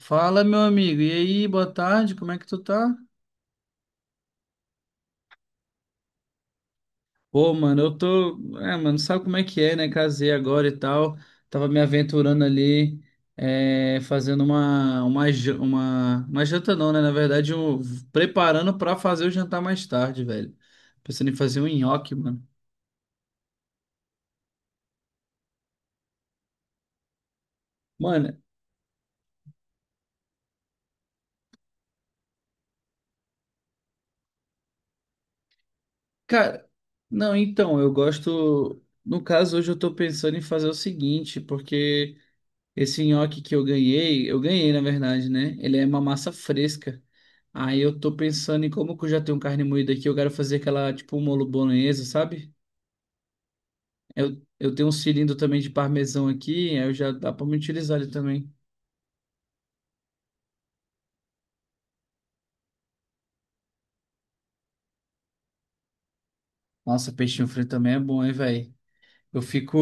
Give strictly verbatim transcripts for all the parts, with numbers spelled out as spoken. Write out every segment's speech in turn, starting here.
Fala, meu amigo. E aí, boa tarde, como é que tu tá? Pô, mano, eu tô. É, mano, sabe como é que é, né? Casei agora e tal. Tava me aventurando ali, é, fazendo uma, uma, ja- uma, uma janta, não, né? Na verdade, eu preparando pra fazer o jantar mais tarde, velho. Pensando em fazer um nhoque, mano. Mano, cara, não, então, eu gosto. No caso, hoje eu tô pensando em fazer o seguinte, porque esse nhoque que eu ganhei, eu ganhei na verdade, né? Ele é uma massa fresca. Aí eu tô pensando em como que eu já tenho carne moída aqui, eu quero fazer aquela tipo um molho bolonhesa, sabe? Eu, eu tenho um cilindro também de parmesão aqui, aí eu já dá pra me utilizar ele também. Nossa, peixinho frito também é bom, hein, velho? Eu fico.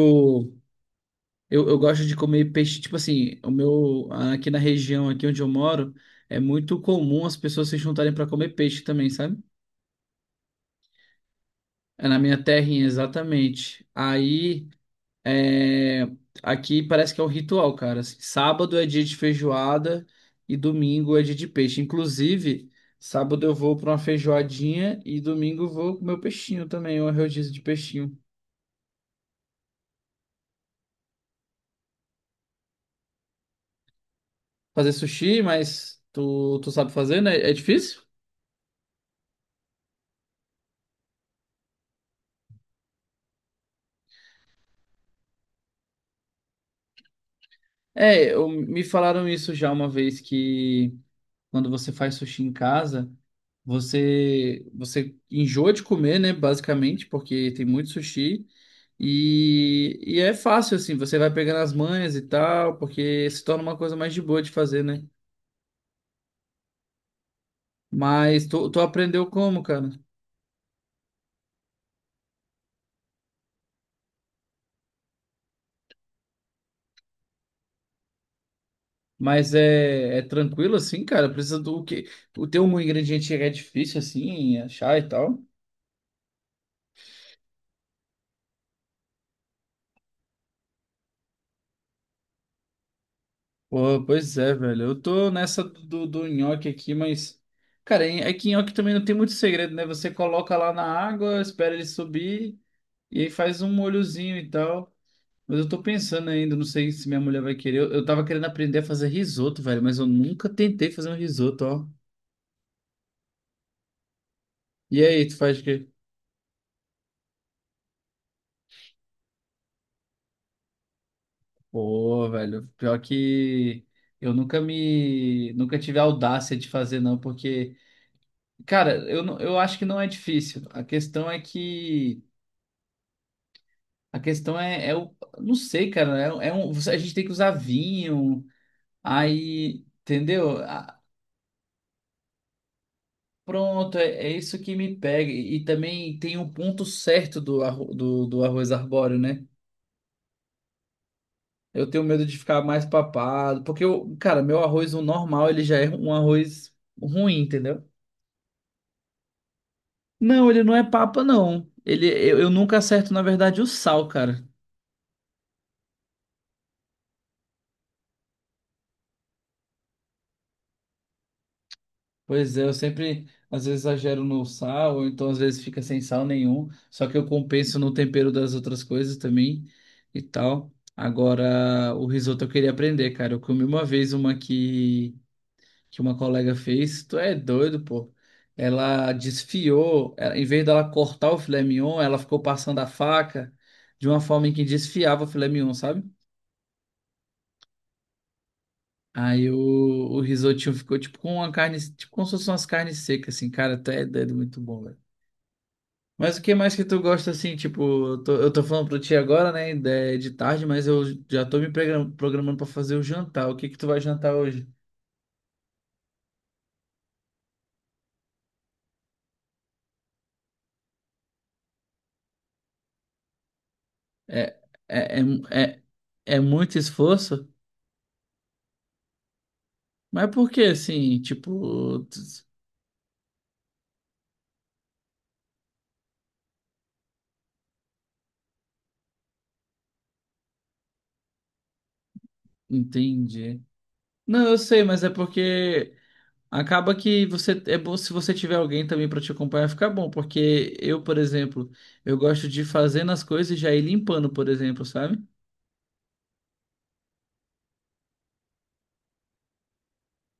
Eu, eu gosto de comer peixe, tipo assim, o meu. Aqui na região, aqui onde eu moro, é muito comum as pessoas se juntarem pra comer peixe também, sabe? É na minha terrinha, exatamente. Aí. É, aqui parece que é o ritual, cara. Assim, sábado é dia de feijoada e domingo é dia de peixe. Inclusive, sábado eu vou para uma feijoadinha e domingo eu vou comer o peixinho também, uma rodízio de peixinho. Fazer sushi, mas tu, tu sabe fazer, né? É difícil? É, eu- me falaram isso já uma vez que quando você faz sushi em casa, você você enjoa de comer, né, basicamente, porque tem muito sushi e, e é fácil assim, você vai pegando as manhas e tal, porque se torna uma coisa mais de boa de fazer, né? Mas tu, tu aprendeu como, cara? Mas é, é tranquilo assim, cara? Precisa do quê? O teu um ingrediente é difícil assim achar e tal? Pô, pois é, velho. Eu tô nessa do, do nhoque aqui, mas cara, é que nhoque também não tem muito segredo, né? Você coloca lá na água, espera ele subir e aí faz um molhozinho e tal. Mas eu tô pensando ainda, não sei se minha mulher vai querer. Eu, eu tava querendo aprender a fazer risoto, velho, mas eu nunca tentei fazer um risoto, ó. E aí, tu faz o quê? Pô, velho, pior que eu nunca me. Nunca tive a audácia de fazer, não, porque cara, eu, não- eu acho que não é difícil. A questão é que a questão é, é o, não sei, cara, é, é um, você- a gente tem que usar vinho, aí, entendeu? Ah, pronto, é, é isso que me pega. E também tem um ponto certo do, arro- do, do arroz arbóreo, né? Eu tenho medo de ficar mais papado, porque eu, cara, meu arroz o normal, ele já é um arroz ruim, entendeu? Não, ele não é papa, não. Ele, eu, eu nunca acerto, na verdade, o sal, cara. Pois é, eu sempre, às vezes, exagero no sal, ou então às vezes fica sem sal nenhum, só que eu compenso no tempero das outras coisas também e tal. Agora, o risoto eu queria aprender, cara. Eu comi uma vez uma que, que uma colega fez, tu é doido, pô. Ela desfiou, ela- em vez dela cortar o filé mignon, ela ficou passando a faca de uma forma em que desfiava o filé mignon, sabe? Aí o, o risotinho ficou tipo com uma carne, tipo como se fossem umas carnes secas, assim, cara, até é doido, muito bom, velho. Mas o que mais que tu gosta assim, tipo, eu tô, eu tô falando pra ti agora, né, de, de tarde, mas eu já tô me pregra- programando pra fazer o jantar. O que que tu vai jantar hoje? É, é, é, é, é muito esforço? Mas por que assim, tipo, tu- entendi. Não, eu sei, mas é porque acaba que você é bom se você tiver alguém também pra te acompanhar, fica bom, porque eu, por exemplo, eu gosto de fazendo as coisas e já ir limpando, por exemplo, sabe?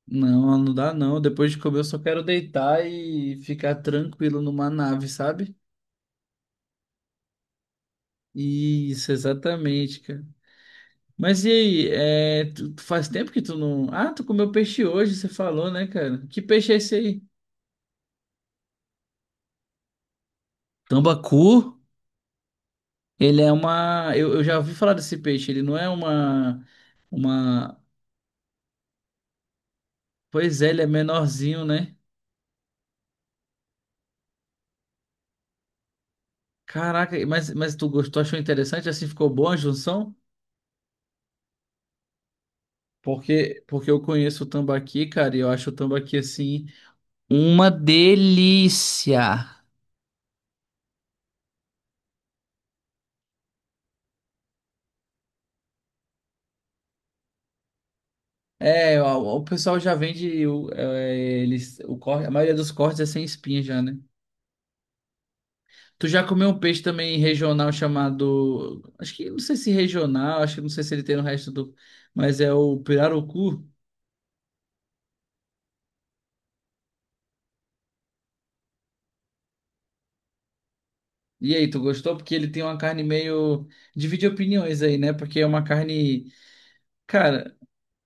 Não, não dá não. Depois de comer, eu só quero deitar e ficar tranquilo numa nave, sabe? Isso, exatamente, cara. Mas e aí, é, tu, tu faz tempo que tu não. Ah, tu comeu peixe hoje, você falou, né, cara? Que peixe é esse aí? Tambacu, ele é uma. Eu, eu já ouvi falar desse peixe, ele não é uma. Uma. Pois é, ele é menorzinho, né? Caraca, mas, mas tu gostou, achou interessante? Assim ficou boa a junção? Porque, porque eu conheço o tambaqui, cara, e eu acho o tambaqui assim. Uma delícia. É, o, o pessoal já vende o, é, eles, o corte, a maioria dos cortes é sem espinha já, né? Tu já comeu um peixe também regional chamado, acho que não sei se regional, acho que não sei se ele tem no resto do, mas é o pirarucu. E aí, tu gostou? Porque ele tem uma carne meio divide opiniões aí, né? Porque é uma carne, cara,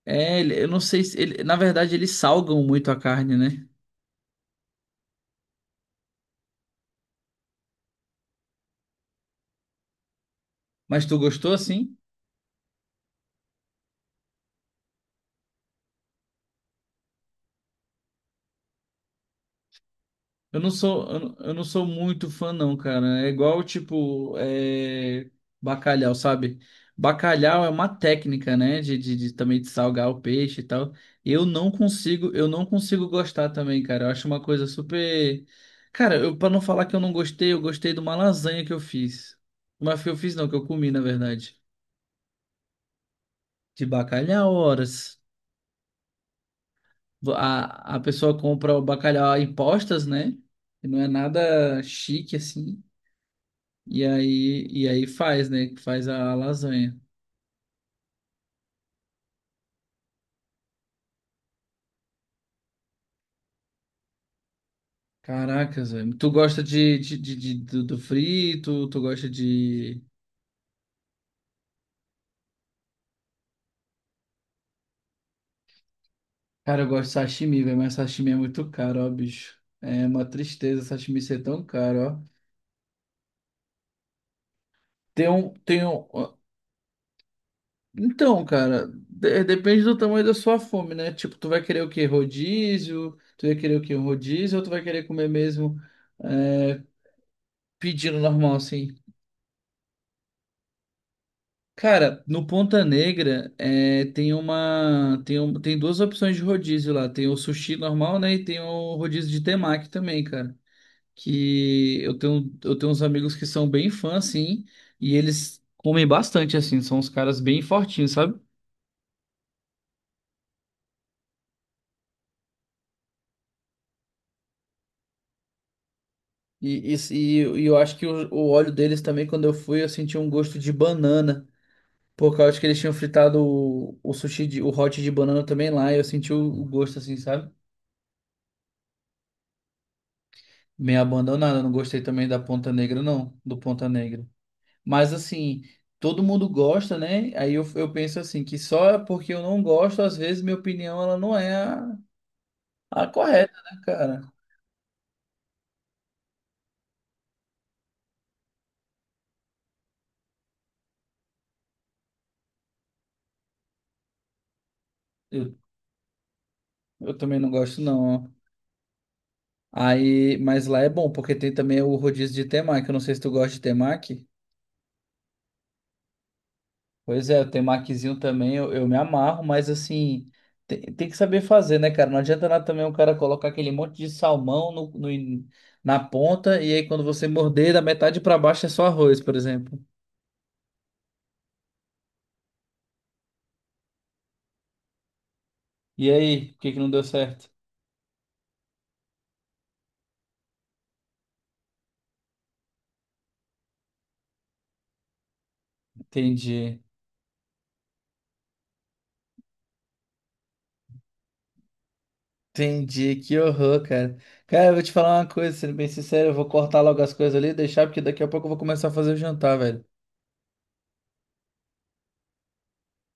é, ele- eu não sei se ele, na verdade eles salgam muito a carne, né? Mas tu gostou assim? Eu não sou, eu não eu não sou muito fã, não, cara. É igual, tipo, é, bacalhau, sabe? Bacalhau é uma técnica, né? De, de, de também de salgar o peixe e tal. Eu não consigo, eu não consigo gostar também, cara. Eu acho uma coisa super. Cara, eu, pra não falar que eu não gostei, eu gostei de uma lasanha que eu fiz. Mas que eu fiz não, que eu comi, na verdade. De bacalhau, horas. A, a pessoa compra o bacalhau em postas, né? E não é nada chique assim. E aí, e aí faz, né? Faz a lasanha. Caracas, velho. Tu gosta de, de, de, de- do, do frito? Tu gosta de. Cara, eu gosto de sashimi, velho, mas sashimi é muito caro, ó, bicho. É uma tristeza sashimi ser tão caro, ó. Tem um. Tem um... ó, então, cara, de- depende do tamanho da sua fome, né? Tipo, tu vai querer o quê? Rodízio? Tu vai querer o quê? Um rodízio? Ou tu vai querer comer mesmo é, pedindo normal, assim? Cara, no Ponta Negra é, tem uma tem, um- tem duas opções de rodízio lá. Tem o sushi normal, né? E tem o rodízio de temaki também, cara. Que eu tenho eu tenho uns amigos que são bem fãs, assim, e eles comem bastante, assim. São uns caras bem fortinhos, sabe? E, e, e e eu acho que o, o óleo deles também, quando eu fui, eu senti um gosto de banana. Por causa que eles tinham fritado o, o sushi, de, o hot de banana também lá. E eu senti o, o gosto, assim, sabe? Meio abandonada, não gostei também da Ponta Negra, não, do Ponta Negra. Mas assim, todo mundo gosta, né? Aí eu, eu penso assim, que só porque eu não gosto, às vezes minha opinião ela não é a, a correta, né, cara? Eu, eu também não gosto, não. Aí, mas lá é bom, porque tem também o rodízio de temaki. Eu não sei se tu gosta de temaki. Pois é, eu tenho maquizinho também, eu, eu me amarro, mas assim, tem, tem que saber fazer, né, cara? Não adianta nada também o cara colocar aquele monte de salmão no, no in- na ponta e aí quando você morder, da metade pra baixo é só arroz, por exemplo. E aí, por que que não deu certo? Entendi. Entendi, que horror, cara. Cara, eu vou te falar uma coisa, sendo bem sincero, eu vou cortar logo as coisas ali e deixar, porque daqui a pouco eu vou começar a fazer o jantar, velho.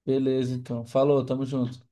Beleza, então. Falou, tamo junto.